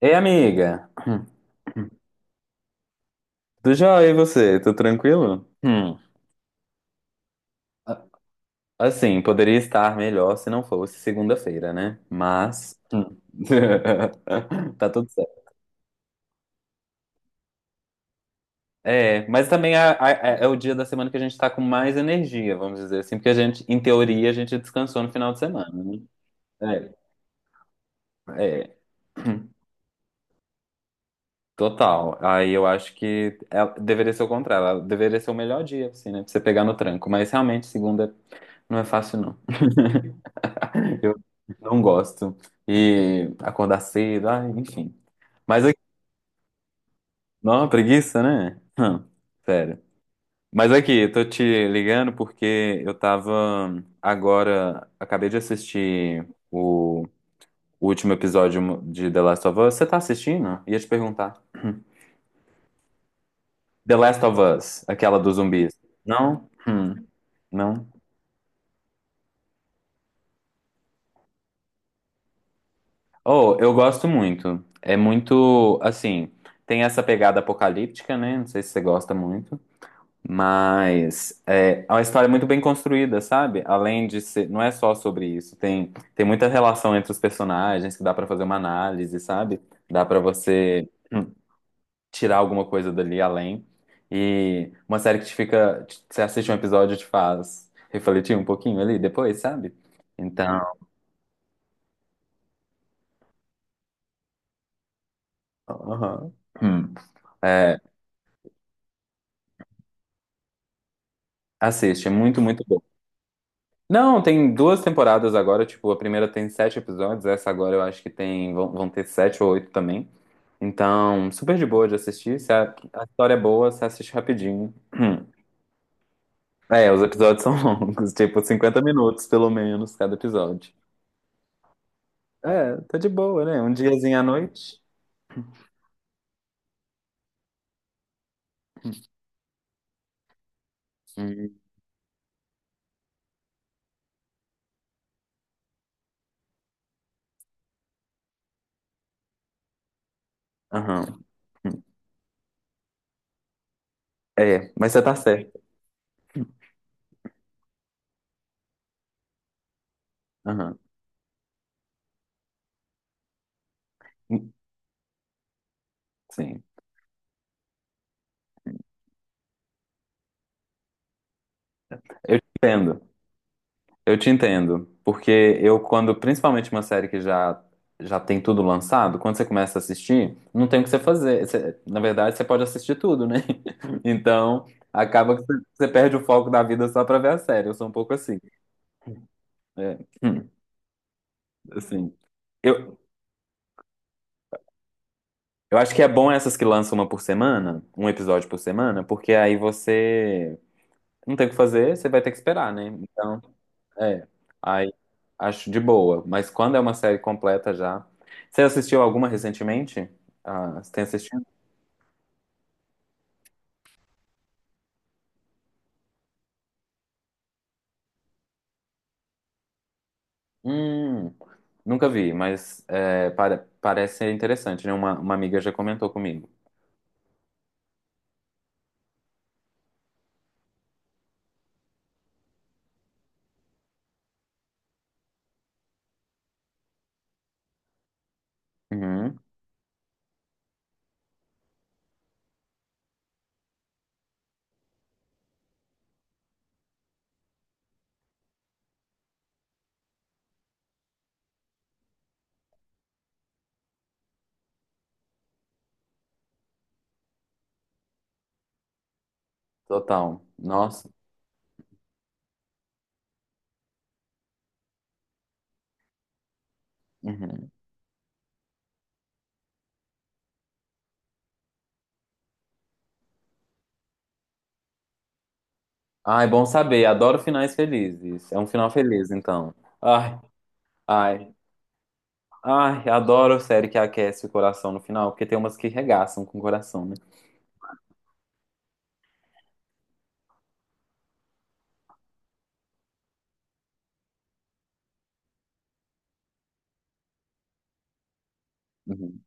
Ei, amiga. Tudo jóia, e você? Tudo tranquilo? Hum. A- Assim, poderia estar melhor se não fosse segunda-feira, né? Mas. Tá tudo certo. É, mas também é o dia da semana que a gente tá com mais energia, vamos dizer assim, porque a gente, em teoria, a gente descansou no final de semana, né? É, é, total. Aí eu acho que deveria ser o contrário, ela deveria ser o melhor dia, assim, né? Pra você pegar no tranco, mas realmente segunda não é fácil, não. Eu não gosto. E acordar cedo, ai, enfim. Mas aqui, não, preguiça, né? Sério. Mas aqui, tô te ligando porque eu tava agora, acabei de assistir o último episódio de The Last of Us. Você tá assistindo? Ia te perguntar. The Last of Us, aquela dos zumbis. Não? Não. Oh, eu gosto muito. É muito, assim, tem essa pegada apocalíptica, né? Não sei se você gosta muito. Mas é uma história muito bem construída, sabe? Além de ser, não é só sobre isso, tem muita relação entre os personagens que dá pra fazer uma análise, sabe? Dá pra você tirar alguma coisa dali além. E uma série que te fica, você assiste um episódio e te faz refletir um pouquinho ali depois, sabe? Então, aham. Hum. É, assiste, é muito, muito bom. Não, tem duas temporadas agora, tipo, a primeira tem sete episódios, essa agora eu acho que tem, vão ter sete ou oito também. Então, super de boa de assistir. Se a história é boa, você assiste rapidinho. É, os episódios são longos, tipo cinquenta minutos pelo menos cada episódio. É, tá de boa, né? Um diazinho à noite. Hum. Aham. É, mas você tá certo. Aham. Sim. Eu te entendo. Eu te entendo, porque eu quando, principalmente uma série que já tem tudo lançado, quando você começa a assistir, não tem o que você fazer. Na verdade, você pode assistir tudo, né? Então, acaba que você perde o foco da vida só pra ver a série. Eu sou um pouco assim. É, assim. Eu, eu acho que é bom essas que lançam uma por semana, um episódio por semana, porque aí você não tem o que fazer, você vai ter que esperar, né? Então, é, aí acho de boa, mas quando é uma série completa já. Você assistiu alguma recentemente? Ah, você tem assistido? Hum, nunca vi, mas é, parece ser interessante, né? Uma amiga já comentou comigo. Uhum, total. Nossa. Uhum. Ah, é bom saber. Adoro finais felizes. É um final feliz, então. Ai, ai, ai, adoro série que aquece o coração no final, porque tem umas que regaçam com o coração, né? Uhum.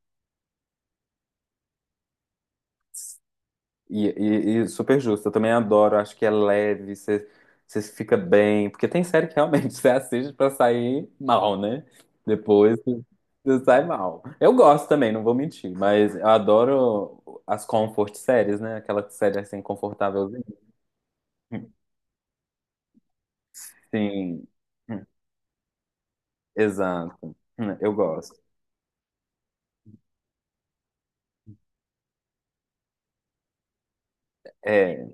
E super justo, eu também adoro, acho que é leve, você fica bem, porque tem série que realmente você assiste pra sair mal, né? Depois você sai mal. Eu gosto também, não vou mentir, mas eu adoro as comfort séries, né? Aquela série assim, confortávelzinha. Sim, exato, eu gosto. É.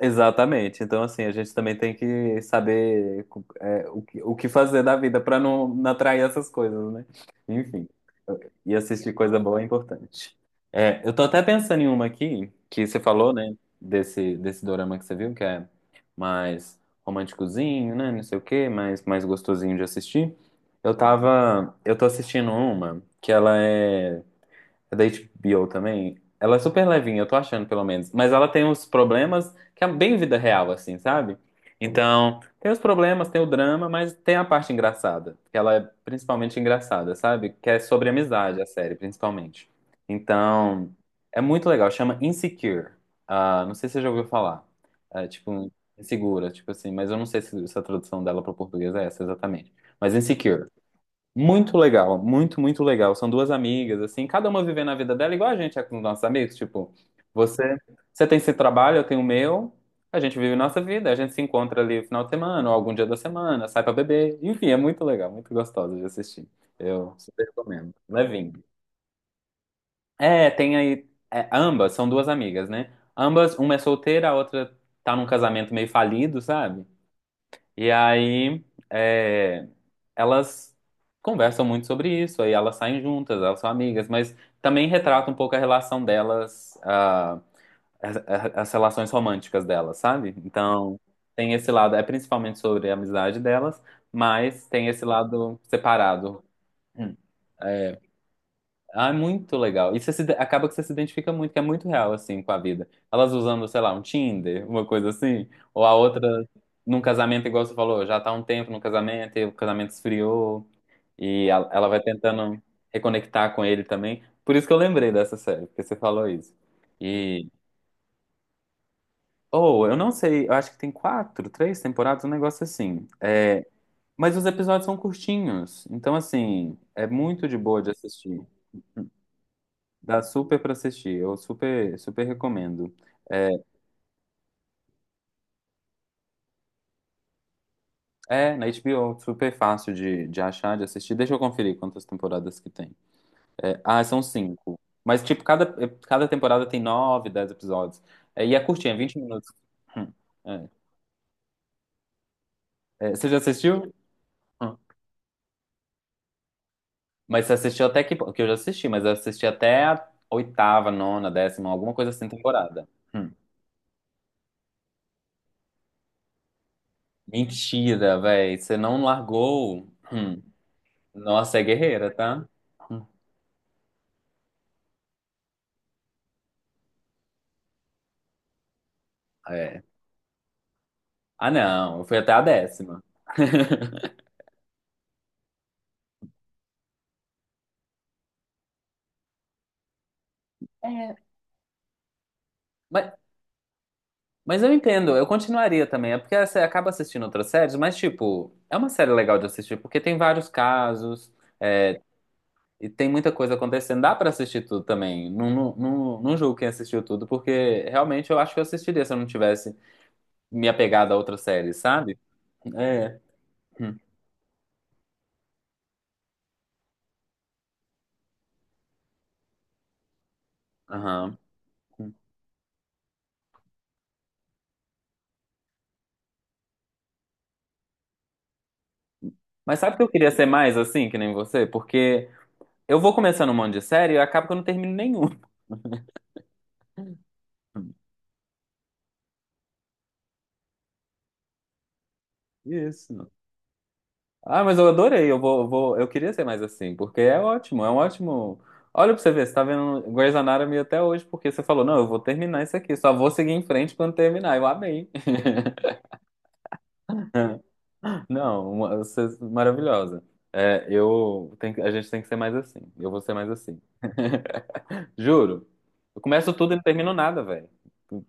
Exatamente. Então, assim, a gente também tem que saber é, o que fazer da vida para não atrair essas coisas, né? Enfim, e assistir coisa boa é importante. É, eu tô até pensando em uma aqui, que você falou, né, desse dorama que você viu, que é mais românticozinho, né, não sei o quê, mais, mais gostosinho de assistir. Eu tava, eu tô assistindo uma que ela é da HBO também. Ela é super levinha, eu tô achando, pelo menos. Mas ela tem os problemas que é bem vida real, assim, sabe? Então, tem os problemas, tem o drama, mas tem a parte engraçada. Que ela é principalmente engraçada, sabe? Que é sobre amizade, a série, principalmente. Então, é muito legal. Chama Insecure. Ah, não sei se você já ouviu falar. É, tipo, insegura, tipo assim. Mas eu não sei se a tradução dela para o português é essa exatamente. Mas Insecure. Muito legal, muito, muito legal. São duas amigas, assim, cada uma vivendo a vida dela, igual a gente é com os nossos amigos. Tipo, você, tem seu trabalho, eu tenho o meu, a gente vive nossa vida, a gente se encontra ali no final de semana, ou algum dia da semana, sai pra beber. Enfim, é muito legal, muito gostoso de assistir. Eu super recomendo. Levinho. É, tem aí. É, ambas são duas amigas, né? Ambas, uma é solteira, a outra tá num casamento meio falido, sabe? E aí, é, elas conversam muito sobre isso, aí elas saem juntas, elas são amigas, mas também retrata um pouco a relação delas, ah, as, as relações românticas delas, sabe? Então, tem esse lado, é principalmente sobre a amizade delas, mas tem esse lado separado. Hum. É, ah, é muito legal. E você se, acaba que você se identifica muito, que é muito real, assim, com a vida. Elas usando, sei lá, um Tinder, uma coisa assim, ou a outra num casamento, igual você falou, já tá há um tempo no casamento, e o casamento esfriou, e ela vai tentando reconectar com ele também. Por isso que eu lembrei dessa série, porque você falou isso. E, ou, eu não sei, eu acho que tem quatro, três temporadas, um negócio assim. É, mas os episódios são curtinhos, então, assim, é muito de boa de assistir. Dá super pra assistir, eu super, super recomendo. É, é, na HBO, super fácil de achar, de assistir. Deixa eu conferir quantas temporadas que tem. É, ah, são cinco. Mas, tipo, cada, cada temporada tem nove, dez episódios. É, e é curtinha, 20 minutos. Hum, é. É, você já assistiu? Hum. Mas você assistiu até que... Que eu já assisti, mas eu assisti até a oitava, nona, décima, alguma coisa assim, temporada. Hum. Mentira, velho. Você não largou. Hum. Nossa, é guerreira, tá? Hum. É, ah, não, eu fui até a décima. É, Mas, mas eu entendo, eu continuaria também. É porque você acaba assistindo outras séries, mas, tipo, é uma série legal de assistir, porque tem vários casos, é, e tem muita coisa acontecendo. Dá pra assistir tudo também. Não, não, não, não julgo quem assistiu tudo, porque realmente eu acho que eu assistiria se eu não tivesse me apegado a outras séries, sabe? É. Hum. Aham. Mas sabe que eu queria ser mais assim, que nem você? Porque eu vou começando um monte de série e acaba que eu não termino nenhum. Isso. Ah, mas eu adorei. Eu queria ser mais assim, porque é ótimo, é um ótimo. Olha pra você ver, você tá vendo Grey's Anatomy até hoje, porque você falou, não, eu vou terminar isso aqui, só vou seguir em frente quando terminar. Eu amei. Não, você é maravilhosa. É, a gente tem que ser mais assim. Eu vou ser mais assim. Juro. Eu começo tudo e não termino nada, velho.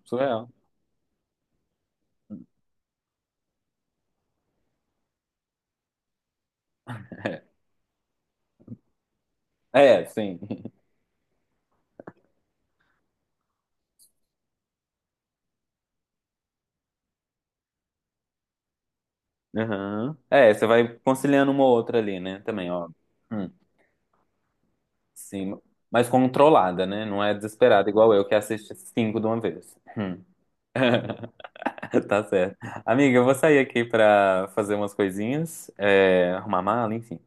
Surreal. É, é, sim. Aham. É, você vai conciliando uma ou outra ali, né? Também, ó. Hum. Sim, mas controlada, né? Não é desesperada, igual eu que assiste cinco de uma vez. Hum. Tá certo. Amiga, eu vou sair aqui pra fazer umas coisinhas, é, arrumar mala, enfim.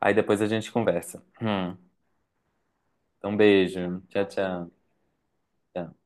Aí depois a gente conversa. Então, beijo. Tchau, tchau. Tchau.